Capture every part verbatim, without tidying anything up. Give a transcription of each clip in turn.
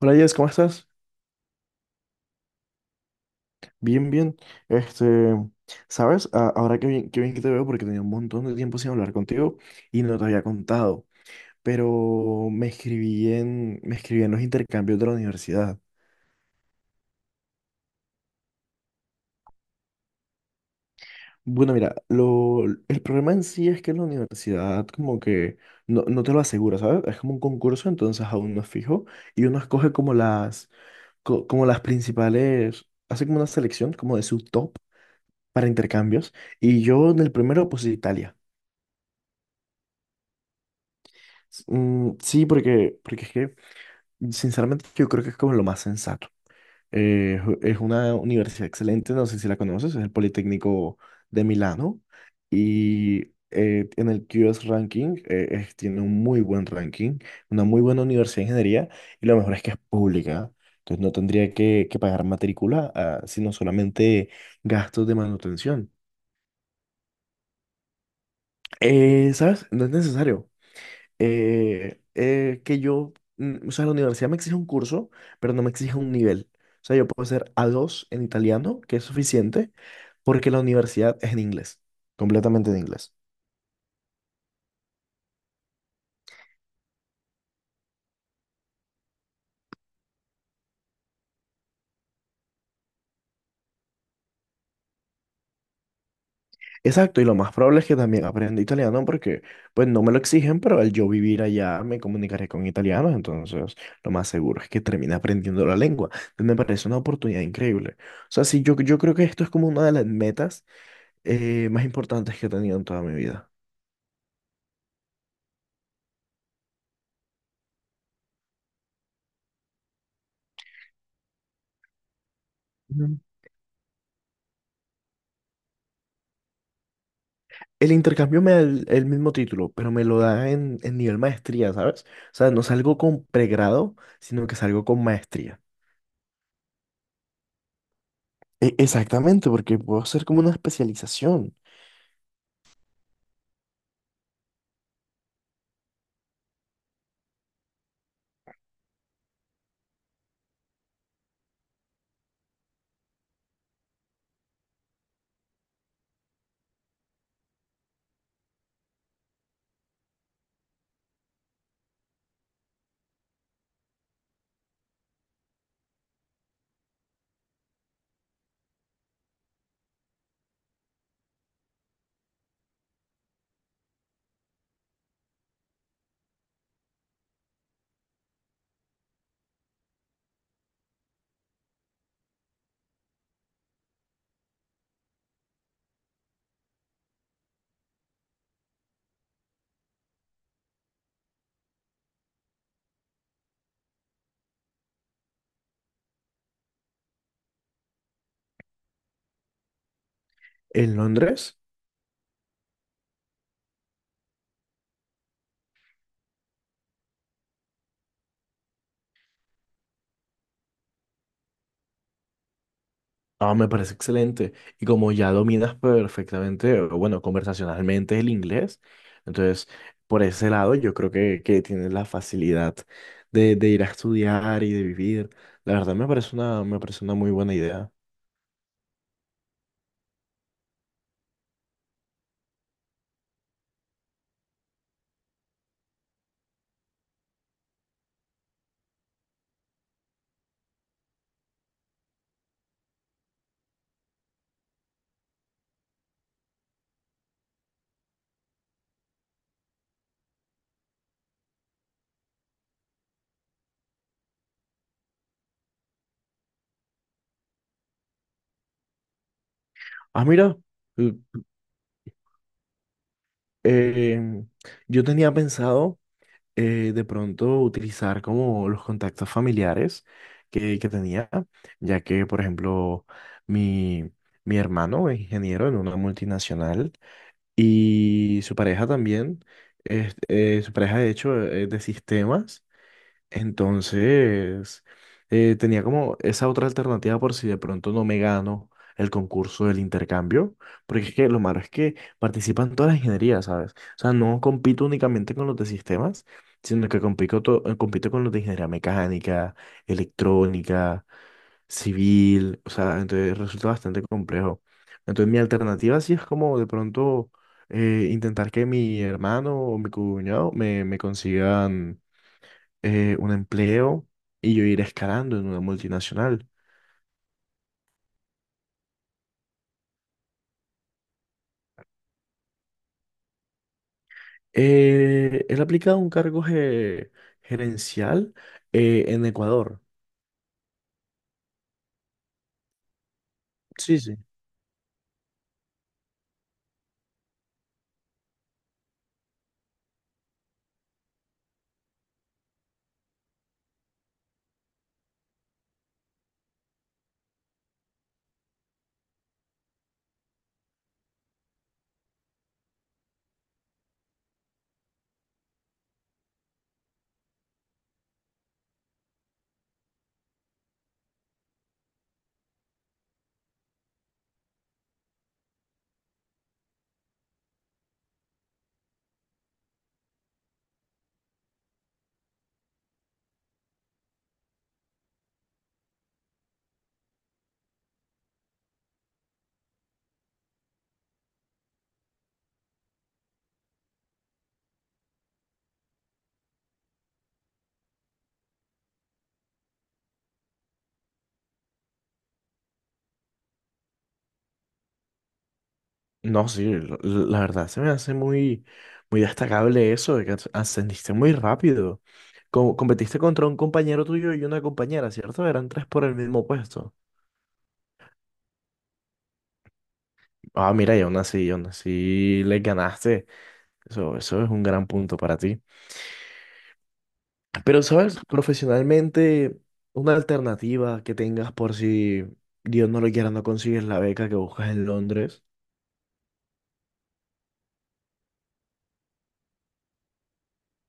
Hola Jess, ¿cómo estás? Bien, bien. Este, ¿sabes? A- Ahora qué bien, qué bien que te veo porque tenía un montón de tiempo sin hablar contigo y no te había contado. Pero me escribí en, me escribí en los intercambios de la universidad. Bueno, mira, lo, el problema en sí es que la universidad como que no, no te lo asegura, ¿sabes? Es como un concurso, entonces aún no es fijo y uno escoge como las, co- como las principales, hace como una selección como de su top para intercambios y yo en el primero puse Italia. Mm, sí, porque, porque es que, sinceramente, yo creo que es como lo más sensato. Eh, es u- es una universidad excelente, no sé si la conoces, es el Politécnico de Milano y eh, en el Q S Ranking eh, es- tiene un muy buen ranking, una muy buena universidad de ingeniería y lo mejor es que es pública. Entonces no tendría que, que pagar matrícula, ah, sino solamente gastos de manutención. Eh, ¿sabes? No es necesario. Eh, eh, que yo, mm, o sea, la universidad me exige un curso, pero no me exige un nivel. O sea, yo puedo ser a dos en italiano, que es suficiente, porque la universidad es en inglés, completamente en inglés. Exacto, y lo más probable es que también aprenda italiano porque, pues, no me lo exigen, pero al yo vivir allá me comunicaré con italianos, entonces lo más seguro es que termine aprendiendo la lengua. Entonces, me parece una oportunidad increíble. O sea, sí, yo, yo creo que esto es como una de las metas eh, más importantes que he tenido en toda mi vida. El intercambio me da el, el mismo título, pero me lo da en, en nivel maestría, ¿sabes? O sea, no salgo con pregrado, sino que salgo con maestría. E- exactamente, porque puedo hacer como una especialización. En Londres, ah, me parece excelente. Y como ya dominas perfectamente, o bueno, conversacionalmente el inglés, entonces, por ese lado, yo creo que, que tienes la facilidad de, de ir a estudiar y de vivir. La verdad, me parece una, me parece una muy buena idea. Ah, mira. Em, yo tenía pensado eh, de pronto utilizar como los contactos familiares que, que tenía, ya que, por ejemplo, mi, mi hermano es ingeniero en una multinacional y su pareja también, es- eh, su pareja de hecho es de sistemas entonces, eh, tenía como esa otra alternativa por si de pronto no me gano el concurso del intercambio, porque es que lo malo es que participan todas las ingenierías, ¿sabes? O sea, no compito únicamente con los de sistemas, sino que compito, to- eh, compito con los de ingeniería mecánica, electrónica, civil, o sea, entonces resulta bastante complejo. Entonces, mi alternativa sí es como de pronto eh, intentar que mi hermano o mi cuñado me, me consigan eh, un empleo y yo ir escalando en una multinacional. Eh, él ha aplicado un cargo ge- gerencial eh, en Ecuador. Sí, sí. No, sí, la la verdad se me hace muy, muy destacable eso de que as- ascendiste muy rápido. Co- competiste contra un compañero tuyo y una compañera, ¿cierto? Eran tres por el mismo puesto. Ah, mira, y aún así, y aún así le ganaste. Eso, eso es un gran punto para ti. Pero, ¿sabes? Profesionalmente, una alternativa que tengas por si Dios no lo quiera, no consigues la beca que buscas en Londres.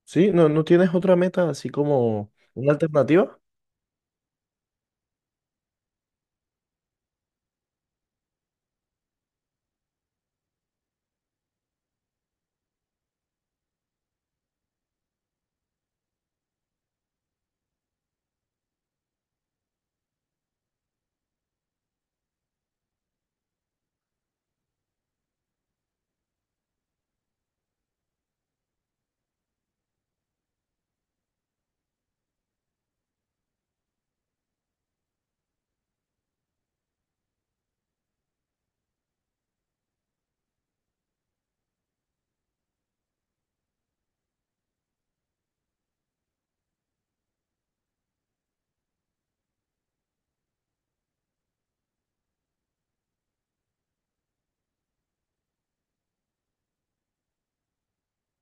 Sí, no, no tienes otra meta así como una alternativa.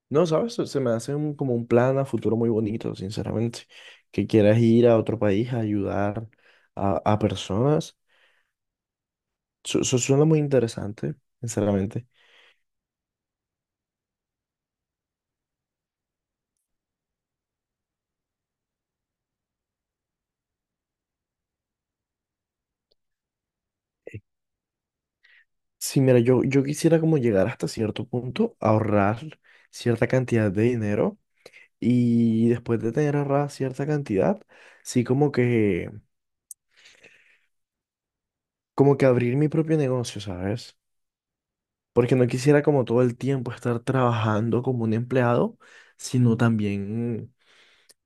No, ¿sabes? Se se me hace un- como un plan a futuro muy bonito, sinceramente. Que quieras ir a otro país a ayudar a, a personas. Eso eso suena muy interesante, sinceramente. Eh, Sí, mira, yo, yo quisiera como llegar hasta cierto punto, ahorrar cierta cantidad de dinero. Y después de tener ahorrada cierta cantidad, sí como que, como que abrir mi propio negocio, ¿sabes? Porque no quisiera como todo el tiempo estar trabajando como un empleado, sino también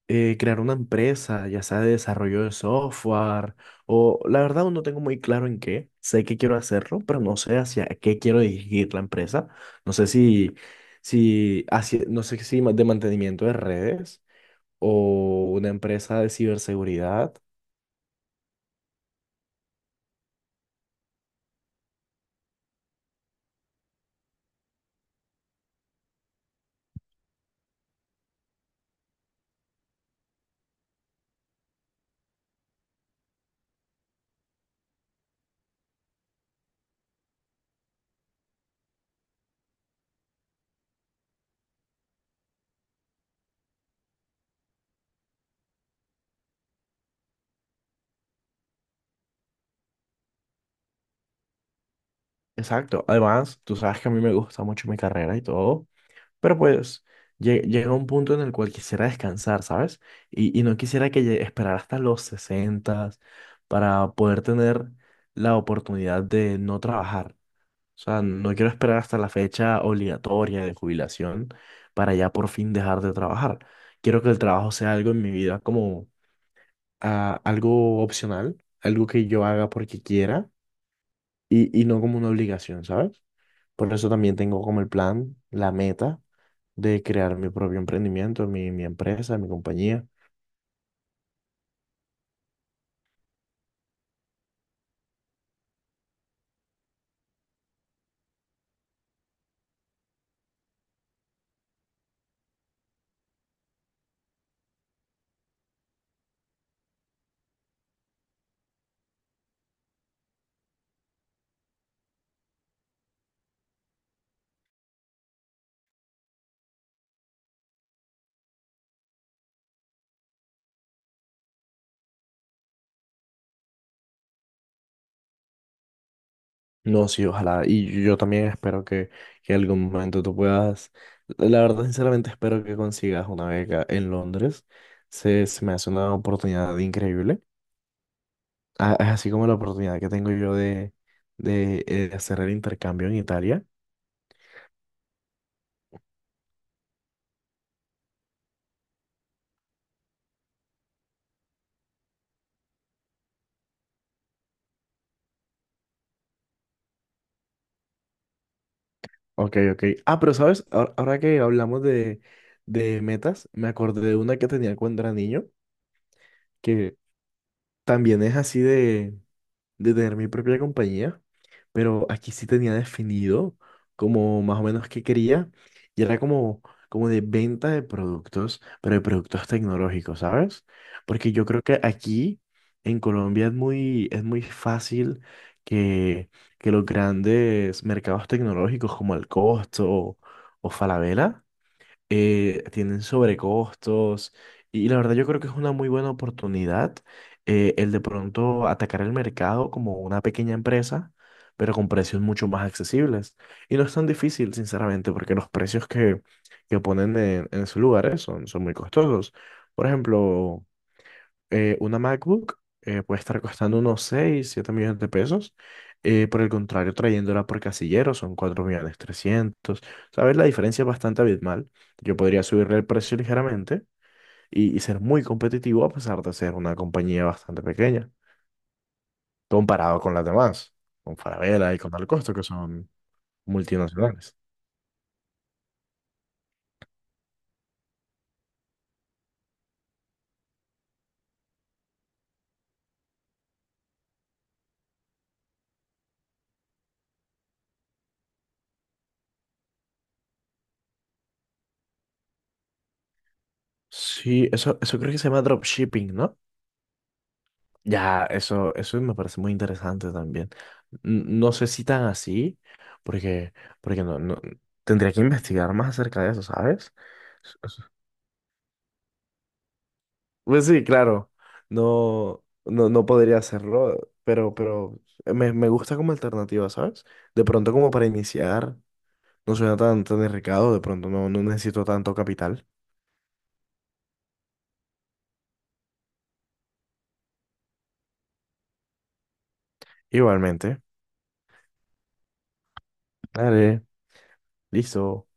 eh, crear una empresa, ya sea de desarrollo de software, o la verdad aún no tengo muy claro en qué, sé que quiero hacerlo, pero no sé hacia qué quiero dirigir la empresa, no sé si, si hacia, no sé si ma- de mantenimiento de redes o una empresa de ciberseguridad. Exacto. Además, tú sabes que a mí me gusta mucho mi carrera y todo, pero pues lle- llega un punto en el cual quisiera descansar, ¿sabes? Y, y no quisiera que lle- esperar hasta los sesenta para poder tener la oportunidad de no trabajar. O sea, no quiero esperar hasta la fecha obligatoria de jubilación para ya por fin dejar de trabajar. Quiero que el trabajo sea algo en mi vida como ah, algo opcional, algo que yo haga porque quiera y, y no como una obligación, ¿sabes? Por eso también tengo como el plan, la meta de crear mi propio emprendimiento, mi, mi empresa, mi compañía. No, sí, ojalá. Y yo también espero que, que en algún momento tú puedas, la verdad, sinceramente espero que consigas una beca en Londres. Se, se me hace una oportunidad increíble. A- Así como la oportunidad que tengo yo de, de, eh, de hacer el intercambio en Italia. Ok, ok. Ah, pero sabes, ahora, ahora que hablamos de, de metas, me acordé de una que tenía cuando era niño. Que También es así de, de tener mi propia compañía, pero aquí sí tenía definido como más o menos qué quería y era como, como de venta de productos, pero de productos tecnológicos, ¿sabes? Porque yo creo que aquí en Colombia es muy, es muy fácil que, que los grandes mercados tecnológicos como el Costo o, o Falabella eh, tienen sobrecostos y la verdad yo creo que es una muy buena oportunidad eh, el de pronto atacar el mercado como una pequeña empresa, pero con precios mucho más accesibles. Y no es tan difícil, sinceramente, porque los precios que, que ponen en, en sus lugares son, son muy costosos. Por ejemplo, eh, una MacBook eh, puede estar costando unos seis siete millones de pesos. Eh, por el contrario, trayéndola por casillero son cuatro millones trescientos. ¿Sabes? La diferencia es bastante abismal. Yo podría subirle el precio ligeramente y, y ser muy competitivo a pesar de ser una compañía bastante pequeña, comparado con las demás, con Falabella y con Al Costo, que son multinacionales. Sí, eso, eso creo que se llama dropshipping, ¿no? Ya, eso, eso me parece muy interesante también. N- No sé si tan así, porque, porque no, no, tendría que investigar más acerca de eso, ¿sabes? Pues sí, claro, no, no, no podría hacerlo, pero, pero me, me gusta como alternativa, ¿sabes? De pronto como para iniciar, no suena tan, tan arriesgado, de pronto no, no necesito tanto capital. Igualmente, vale, listo.